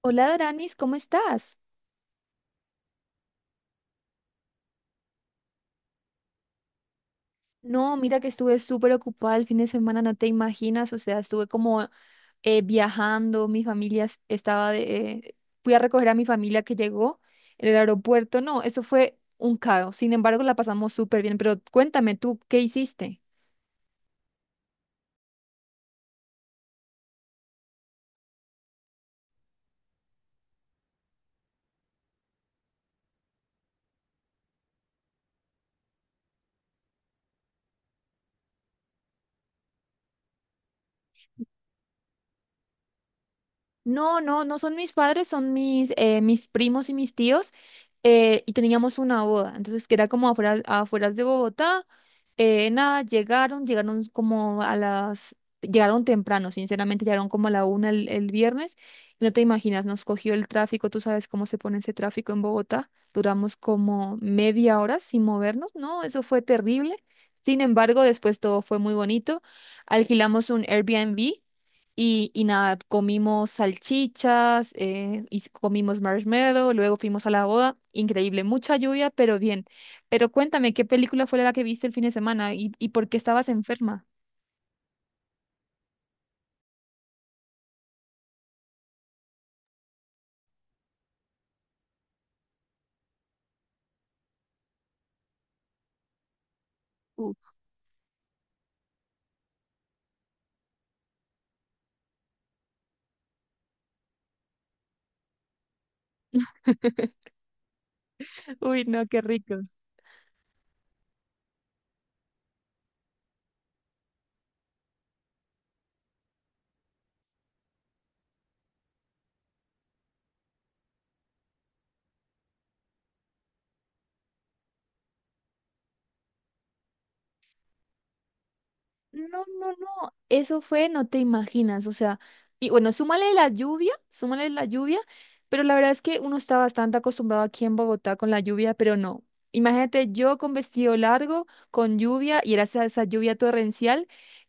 Hola, Aranis, ¿cómo estás? No, mira que estuve súper ocupada el fin de semana, no te imaginas, o sea, estuve como viajando, mi familia es- estaba de... fui a recoger a mi familia que llegó en el aeropuerto. No, eso fue un caos, sin embargo la pasamos súper bien, pero cuéntame tú, ¿qué hiciste? No, no, no son mis padres, son mis primos y mis tíos. Y teníamos una boda, entonces que era como afuera, afueras de Bogotá. Nada, llegaron temprano, sinceramente, llegaron como a la 1 el viernes. Y no te imaginas, nos cogió el tráfico, tú sabes cómo se pone ese tráfico en Bogotá. Duramos como media hora sin movernos, ¿no? Eso fue terrible. Sin embargo, después todo fue muy bonito. Alquilamos un Airbnb y nada, comimos salchichas, comimos marshmallow, luego fuimos a la boda. Increíble, mucha lluvia, pero bien. Pero cuéntame, ¿qué película fue la que viste el fin de semana y por qué estabas enferma? Uh, Uy, no, qué rico. No, no, no, eso fue, no te imaginas, o sea, y bueno, súmale la lluvia, pero la verdad es que uno está bastante acostumbrado aquí en Bogotá con la lluvia, pero no. Imagínate yo con vestido largo, con lluvia, y era esa lluvia torrencial,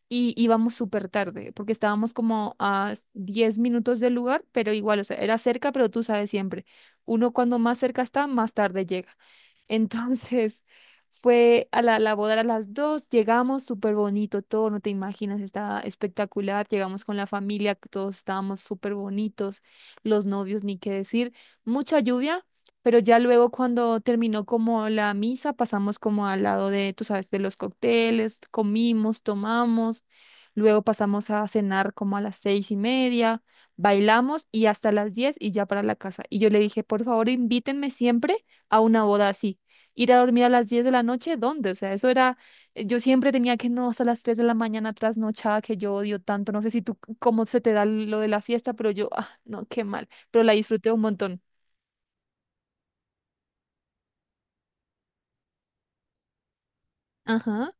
y íbamos súper tarde, porque estábamos como a 10 minutos del lugar, pero igual, o sea, era cerca, pero tú sabes siempre, uno cuando más cerca está, más tarde llega. Entonces, fue a la boda a las 2, llegamos súper bonito todo, no te imaginas, estaba espectacular, llegamos con la familia, todos estábamos súper bonitos, los novios, ni qué decir, mucha lluvia, pero ya luego cuando terminó como la misa, pasamos como al lado de, tú sabes, de los cócteles, comimos, tomamos, luego pasamos a cenar como a las 6:30, bailamos y hasta las 10 y ya para la casa. Y yo le dije, por favor, invítenme siempre a una boda así, ir a dormir a las 10 de la noche, ¿dónde? O sea, eso era, yo siempre tenía que no hasta las 3 de la mañana trasnochada que yo odio tanto, no sé si tú cómo se te da lo de la fiesta, pero yo, ah, no, qué mal, pero la disfruté un montón. Ajá.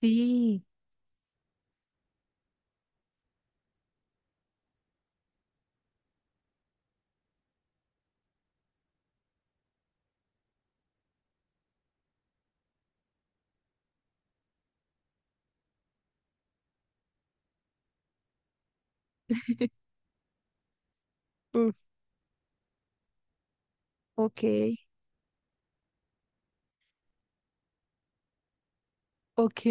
Sí. Uf. Ok, ok.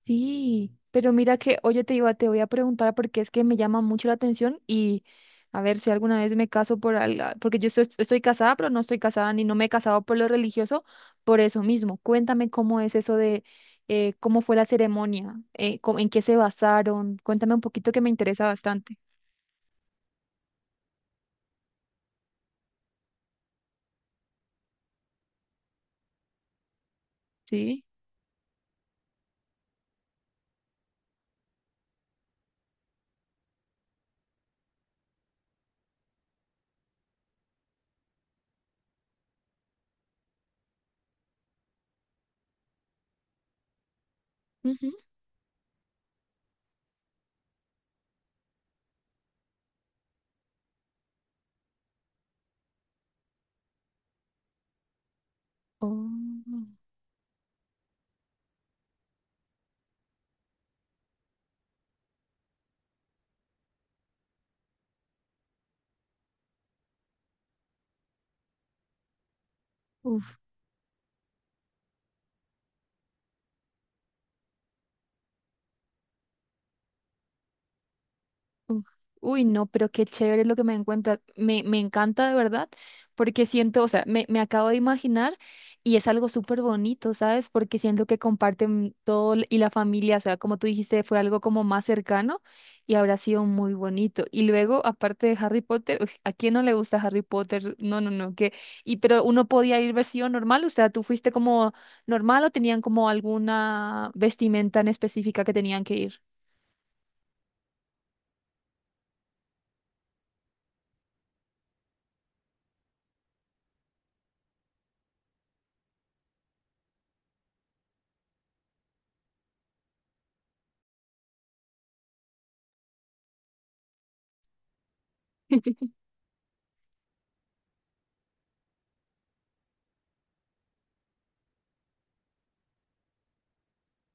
Sí, pero mira que, oye, te voy a preguntar porque es que me llama mucho la atención, y a ver si alguna vez me caso por algo, porque yo estoy casada, pero no estoy casada ni no me he casado por lo religioso, por eso mismo. Cuéntame cómo es eso de, cómo fue la ceremonia, en qué se basaron. Cuéntame un poquito que me interesa bastante. Sí. Ujú. Oh. Uf. Uy, no, pero qué chévere lo que me encuentras. Me encanta de verdad, porque siento, o sea, me acabo de imaginar y es algo súper bonito, ¿sabes? Porque siento que comparten todo y la familia, o sea, como tú dijiste, fue algo como más cercano y habrá sido muy bonito. Y luego, aparte de Harry Potter, uf, ¿a quién no le gusta Harry Potter? No, no, no, que, y pero uno podía ir vestido normal, o sea, ¿tú fuiste como normal o tenían como alguna vestimenta en específica que tenían que ir?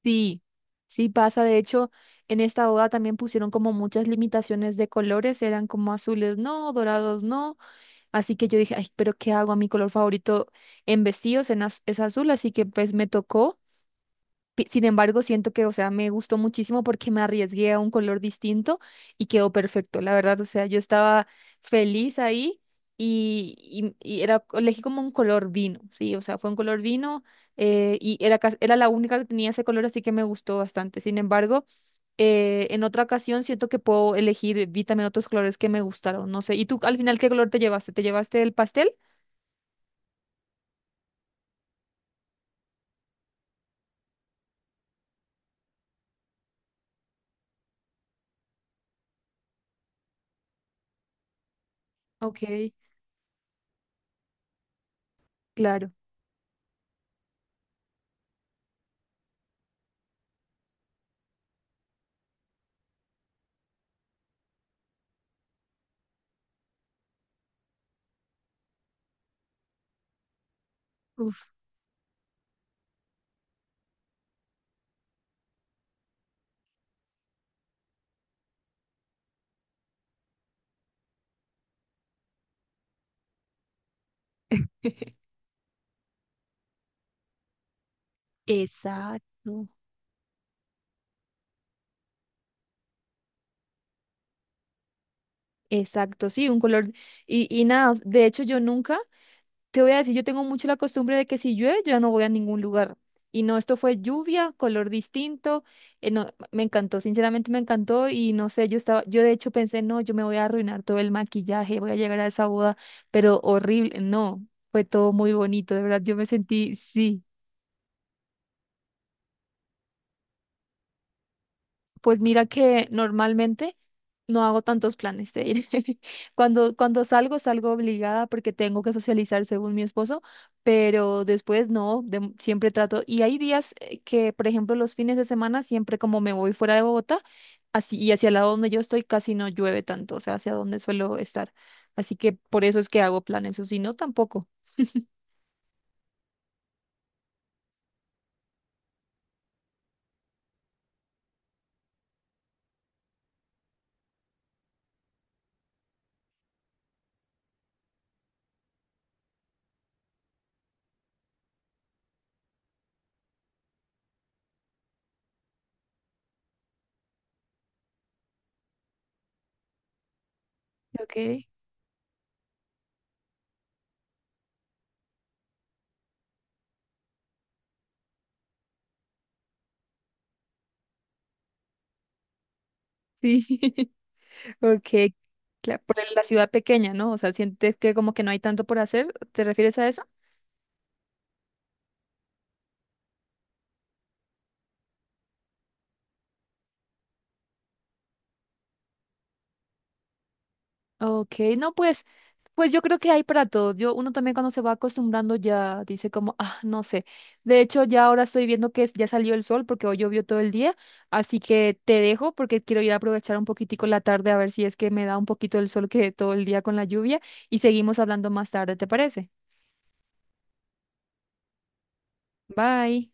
Sí, sí pasa. De hecho, en esta boda también pusieron como muchas limitaciones de colores, eran como azules no, dorados no. Así que yo dije, ay, pero ¿qué hago? A mi color favorito en vestidos en es azul, así que pues me tocó. Sin embargo, siento que, o sea, me gustó muchísimo porque me arriesgué a un color distinto y quedó perfecto, la verdad. O sea, yo estaba feliz ahí y era, elegí como un color vino, sí, o sea, fue un color vino y era la única que tenía ese color, así que me gustó bastante. Sin embargo, en otra ocasión siento que puedo elegir, vi también otros colores que me gustaron, no sé. ¿Y tú al final qué color te llevaste? ¿Te llevaste el pastel? Ok, claro. Uf, exacto. Exacto, sí, un color. Y nada, de hecho yo nunca, te voy a decir, yo tengo mucho la costumbre de que si llueve yo ya no voy a ningún lugar. Y no, esto fue lluvia, color distinto. No, me encantó, sinceramente me encantó y no sé, yo de hecho pensé, no, yo me voy a arruinar todo el maquillaje, voy a llegar a esa boda pero horrible, no, fue todo muy bonito, de verdad, yo me sentí, sí. Pues mira que normalmente no hago tantos planes de ir. Cuando salgo, salgo obligada porque tengo que socializar según mi esposo, pero después no, siempre trato. Y hay días que, por ejemplo, los fines de semana, siempre como me voy fuera de Bogotá, así, y hacia el lado donde yo estoy casi no llueve tanto, o sea, hacia donde suelo estar. Así que por eso es que hago planes, o si no, tampoco. Okay. Sí. Ok, claro, por la ciudad pequeña, ¿no? O sea, sientes que como que no hay tanto por hacer, ¿te refieres a eso? Ok, no, pues, yo creo que hay para todos. Uno también cuando se va acostumbrando ya dice como, ah, no sé. De hecho, ya ahora estoy viendo que ya salió el sol porque hoy llovió todo el día, así que te dejo porque quiero ir a aprovechar un poquitico la tarde a ver si es que me da un poquito el sol, que todo el día con la lluvia. Y seguimos hablando más tarde, ¿te parece? Bye.